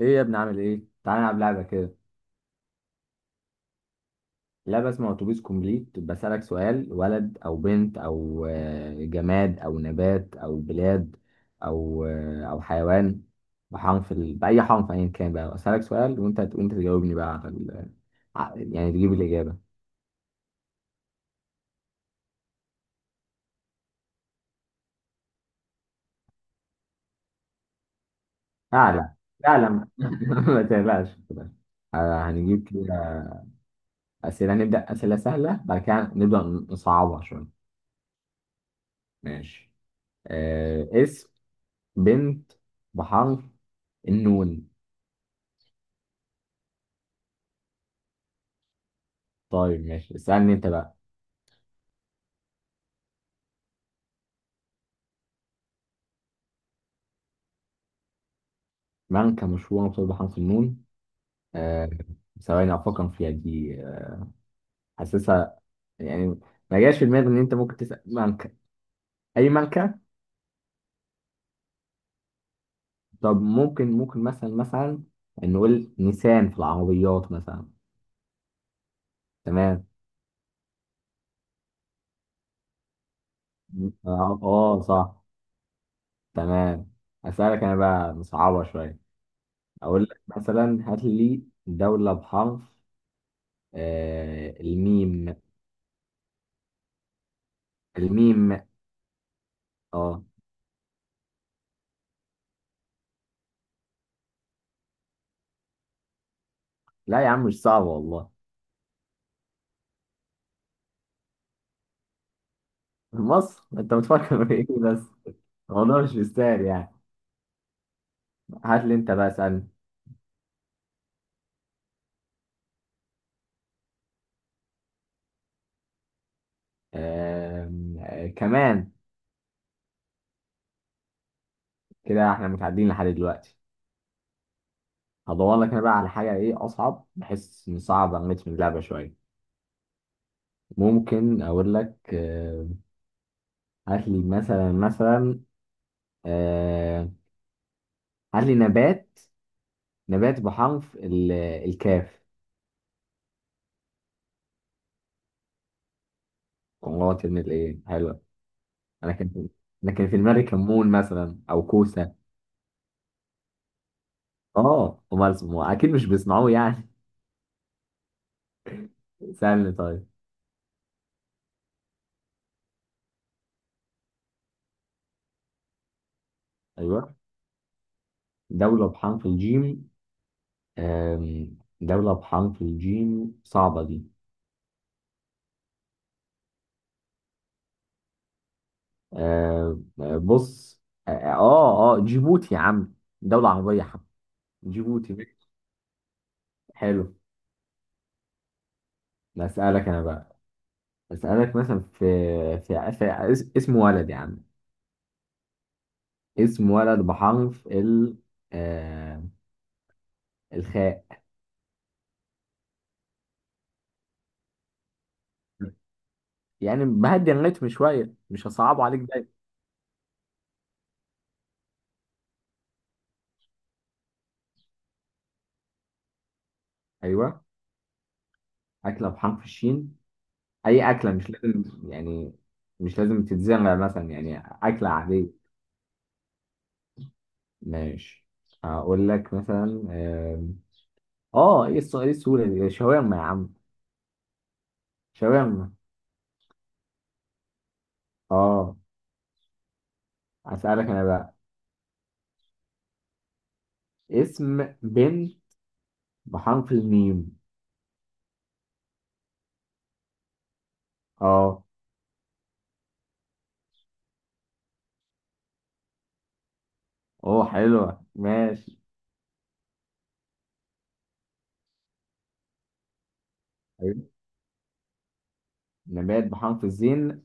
ايه يا ابني، عامل ايه؟ تعالى نلعب لعبة كده. لعبة اسمها اتوبيس كومبليت، بسألك سؤال: ولد او بنت او آه، جماد او نبات او بلاد او حيوان بحرف ال... بأي حرف ايا كان بقى. بسألك سؤال، وانت تجاوبني بقى يعني تجيب الإجابة. اعلم، اعلم ما تقلقش، ما تقلقش. هنجيب كده نبدأ أسئلة سهلة، بعد كده نبدأ نصعبها شوية. ماشي. اسم بنت بحرف النون. طيب ماشي، اسألني أنت بقى. من كان مشهورا بصيد حرف النون؟ آه، ثواني أفكر فيها دي، حاسسها يعني. ما جاش في دماغي إن أنت ممكن تسأل مانكا، أي مانكا. طب ممكن مثلا نقول نيسان في العربيات مثلا. تمام. صح. تمام. أسألك أنا بقى مصعبة شوية. أقول لك مثلا هات لي دولة بحرف الميم، الميم. آه، لا يا عم، مش صعب والله. مصر؟ انت بتفكر في ايه بس؟ الموضوع مش مستاهل يعني. هات لي انت بقى، اسألني. آم، آه، كمان. كده احنا متعدين لحد دلوقتي. هدور لك انا بقى على حاجة ايه اصعب، بحيث نصعب على النت من اللعبة شوية. ممكن اقول لك، هات لي مثلا. آم، هات لي نبات. نبات بحرف الكاف. والله ان الايه حلوة. انا كان انا كان في دماغي كمون مثلا، او كوسة. اه، امال اسمه اكيد مش بيسمعوه يعني. سألني طيب. ايوه، دولة بحرف الجيم. دولة بحرف الجيم صعبة دي. آم، آه، بص. جيبوتي يا عم، دولة عربية يا عم. جيبوتي. حلو. بسألك انا بقى. بسألك مثلا في في اسم ولد يا عم. اسم ولد بحرف ال آه، الخاء. يعني بهدي الريتم شوية، مش هصعبه عليك دايما. ايوه. أكلة بحرف الشين. اي اكله، مش لازم يعني مش لازم تتزرع مثلا، يعني اكله عاديه. ماشي، هقول لك مثلا. آم، اه، ايه السؤال، ايه السهوله دي! شاورما يا عم. شاورما. اه. اسالك انا بقى. اسم بنت بحرف الميم. اه. اوه، حلوه. ماشي. حلو. نبات بحرف الزين.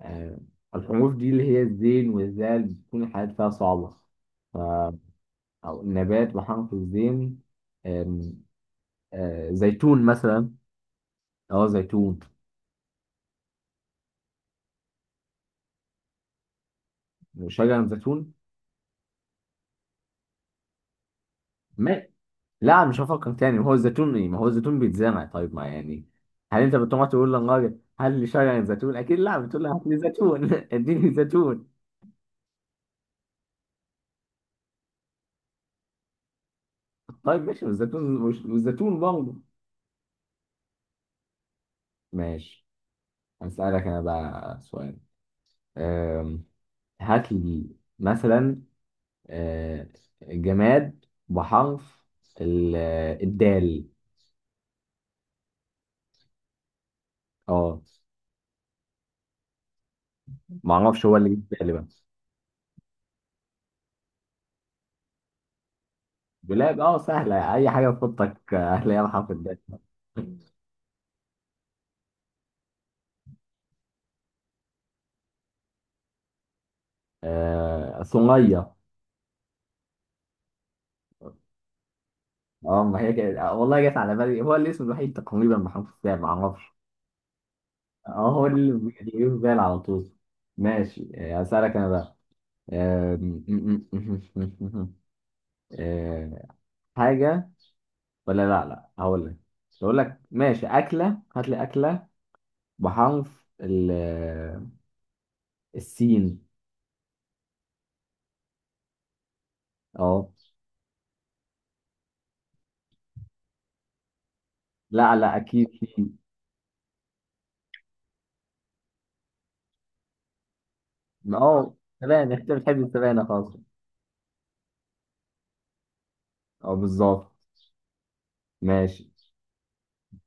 آه. الحروف دي اللي هي الزين والزال بتكون الحاجات فيها صعبه. ف- او نبات بحرف الزين. آم، آه، زيتون مثلا. اه، زيتون. وشجر زيتون. ما لا، مش هفكر تاني. ما هو الزيتون بيتزرع طيب، ما يعني هل انت بتقعد تقول للراجل هل لي شجر زيتون؟ اكيد لا، بتقول له هات لي زيتون اديني زيتون. طيب ماشي، والزيتون برضه. ماشي، هسألك انا بقى سؤال. أم، هات لي مثلا أه، جماد بحرف ال- الدال. اه. ما اعرفش، هو اللي جه في بالي بقى. دولاب. اه، سهلة، اي حاجة تحطك هتلاقيها محطة ده. آه، صنية. اه، ما هي كده، والله جت على بالي، هو الاسم الوحيد تقريبا، محمود السابع، ما اعرفش. اه، هو اللي بيجي في بالي على طول. ماشي. اسالك انا بقى. آه، م- م- م- م- م- آه، حاجه. ولا لا لا هقول لك ماشي، اكله. هات لي اكله بحرف السين. اه. لا لا، اكيد سين. اه، سبانخ. انت بتحب السبانخ خالص. اه، بالظبط. ماشي،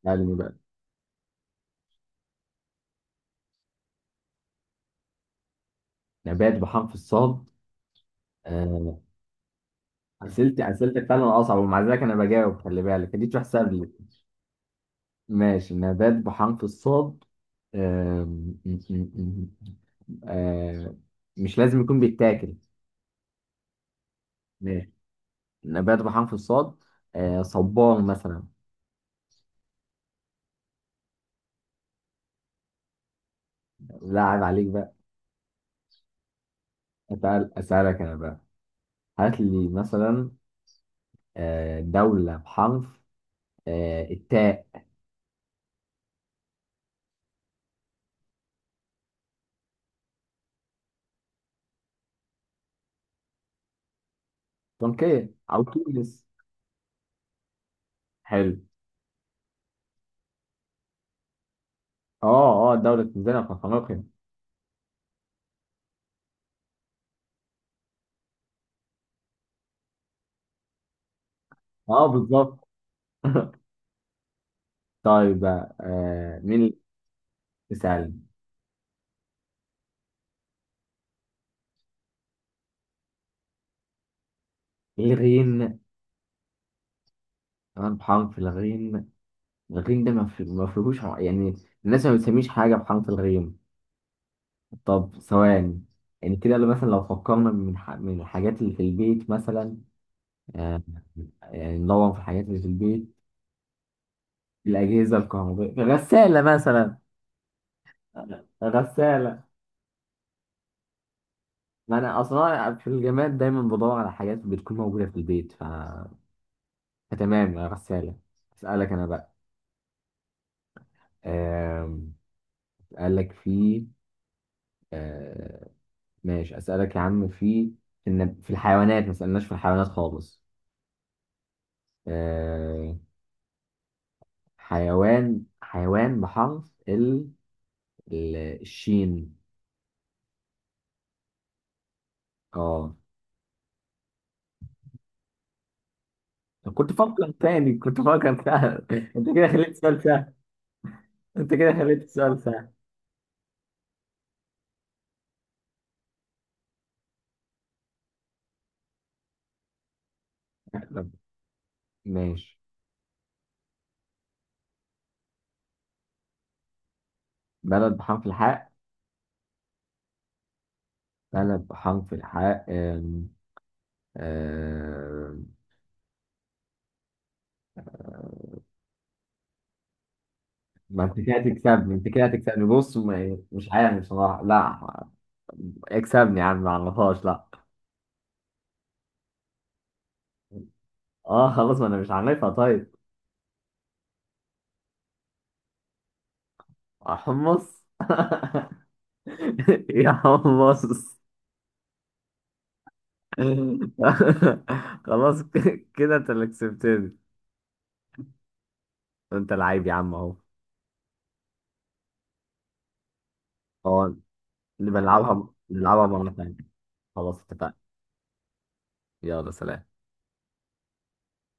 علمي بقى. نبات بحرف الصاد. آه، اسئلتك فعلا اصعب، ومع ذلك انا بجاوب. خلي بالك دي تحسب لي. ماشي، نبات بحرف الصاد. آم، م- م- م- آه، مش لازم يكون بيتاكل. ماشي، نبات بحرف الصاد. صبار مثلا. لا، عيب عليك بقى. اسالك انا بقى، هات لي مثلا دولة بحرف التاء. تركيا او تونس. حلو. اه اه، دولة تنزانيا في افريقيا. اه، بالظبط. طيب بقى، مين اللي... اسأل. الغين. كمان بحرف الغين. الغين ده ما فيهوش، يعني الناس ما بتسميش حاجة بحرف الغين. طب، ثواني. يعني كده، لو مثلا، لو فكرنا من الحاجات اللي في البيت مثلا. آه يعني ندور في الحاجات اللي في البيت. الأجهزة الكهربائية، غسالة مثلا. غسالة. ما أنا أصلا في الجماد دايما بدور على حاجات بتكون موجودة في البيت، تمام. غسالة. أسألك أنا بقى. آم، أسألك في آه، ماشي، أسألك يا عم، في إن في الحيوانات ما سألناش في الحيوانات خالص. آه، حيوان بحرف الشين. اه. كنت بفكر سهل انت كده خليت السؤال سهل. انت كده خليت السؤال سهل. طب، ماشي، بلد بحرف الحاء. بلد بحرف الحاء. آم، آم، ما انت كده تكسبني، بص، مش عارف بصراحة، لا. اكسبني يا عم، ما عرفهاش، لا. اه خلاص، ما انا مش عارفها. طيب. حمص يا حمص خلاص، كده انت اللي كسبتني. انت لعيب يا عم اهو. اه. نبقى نلعبها مرة تانية. خلاص، اتفقنا. يلا سلام.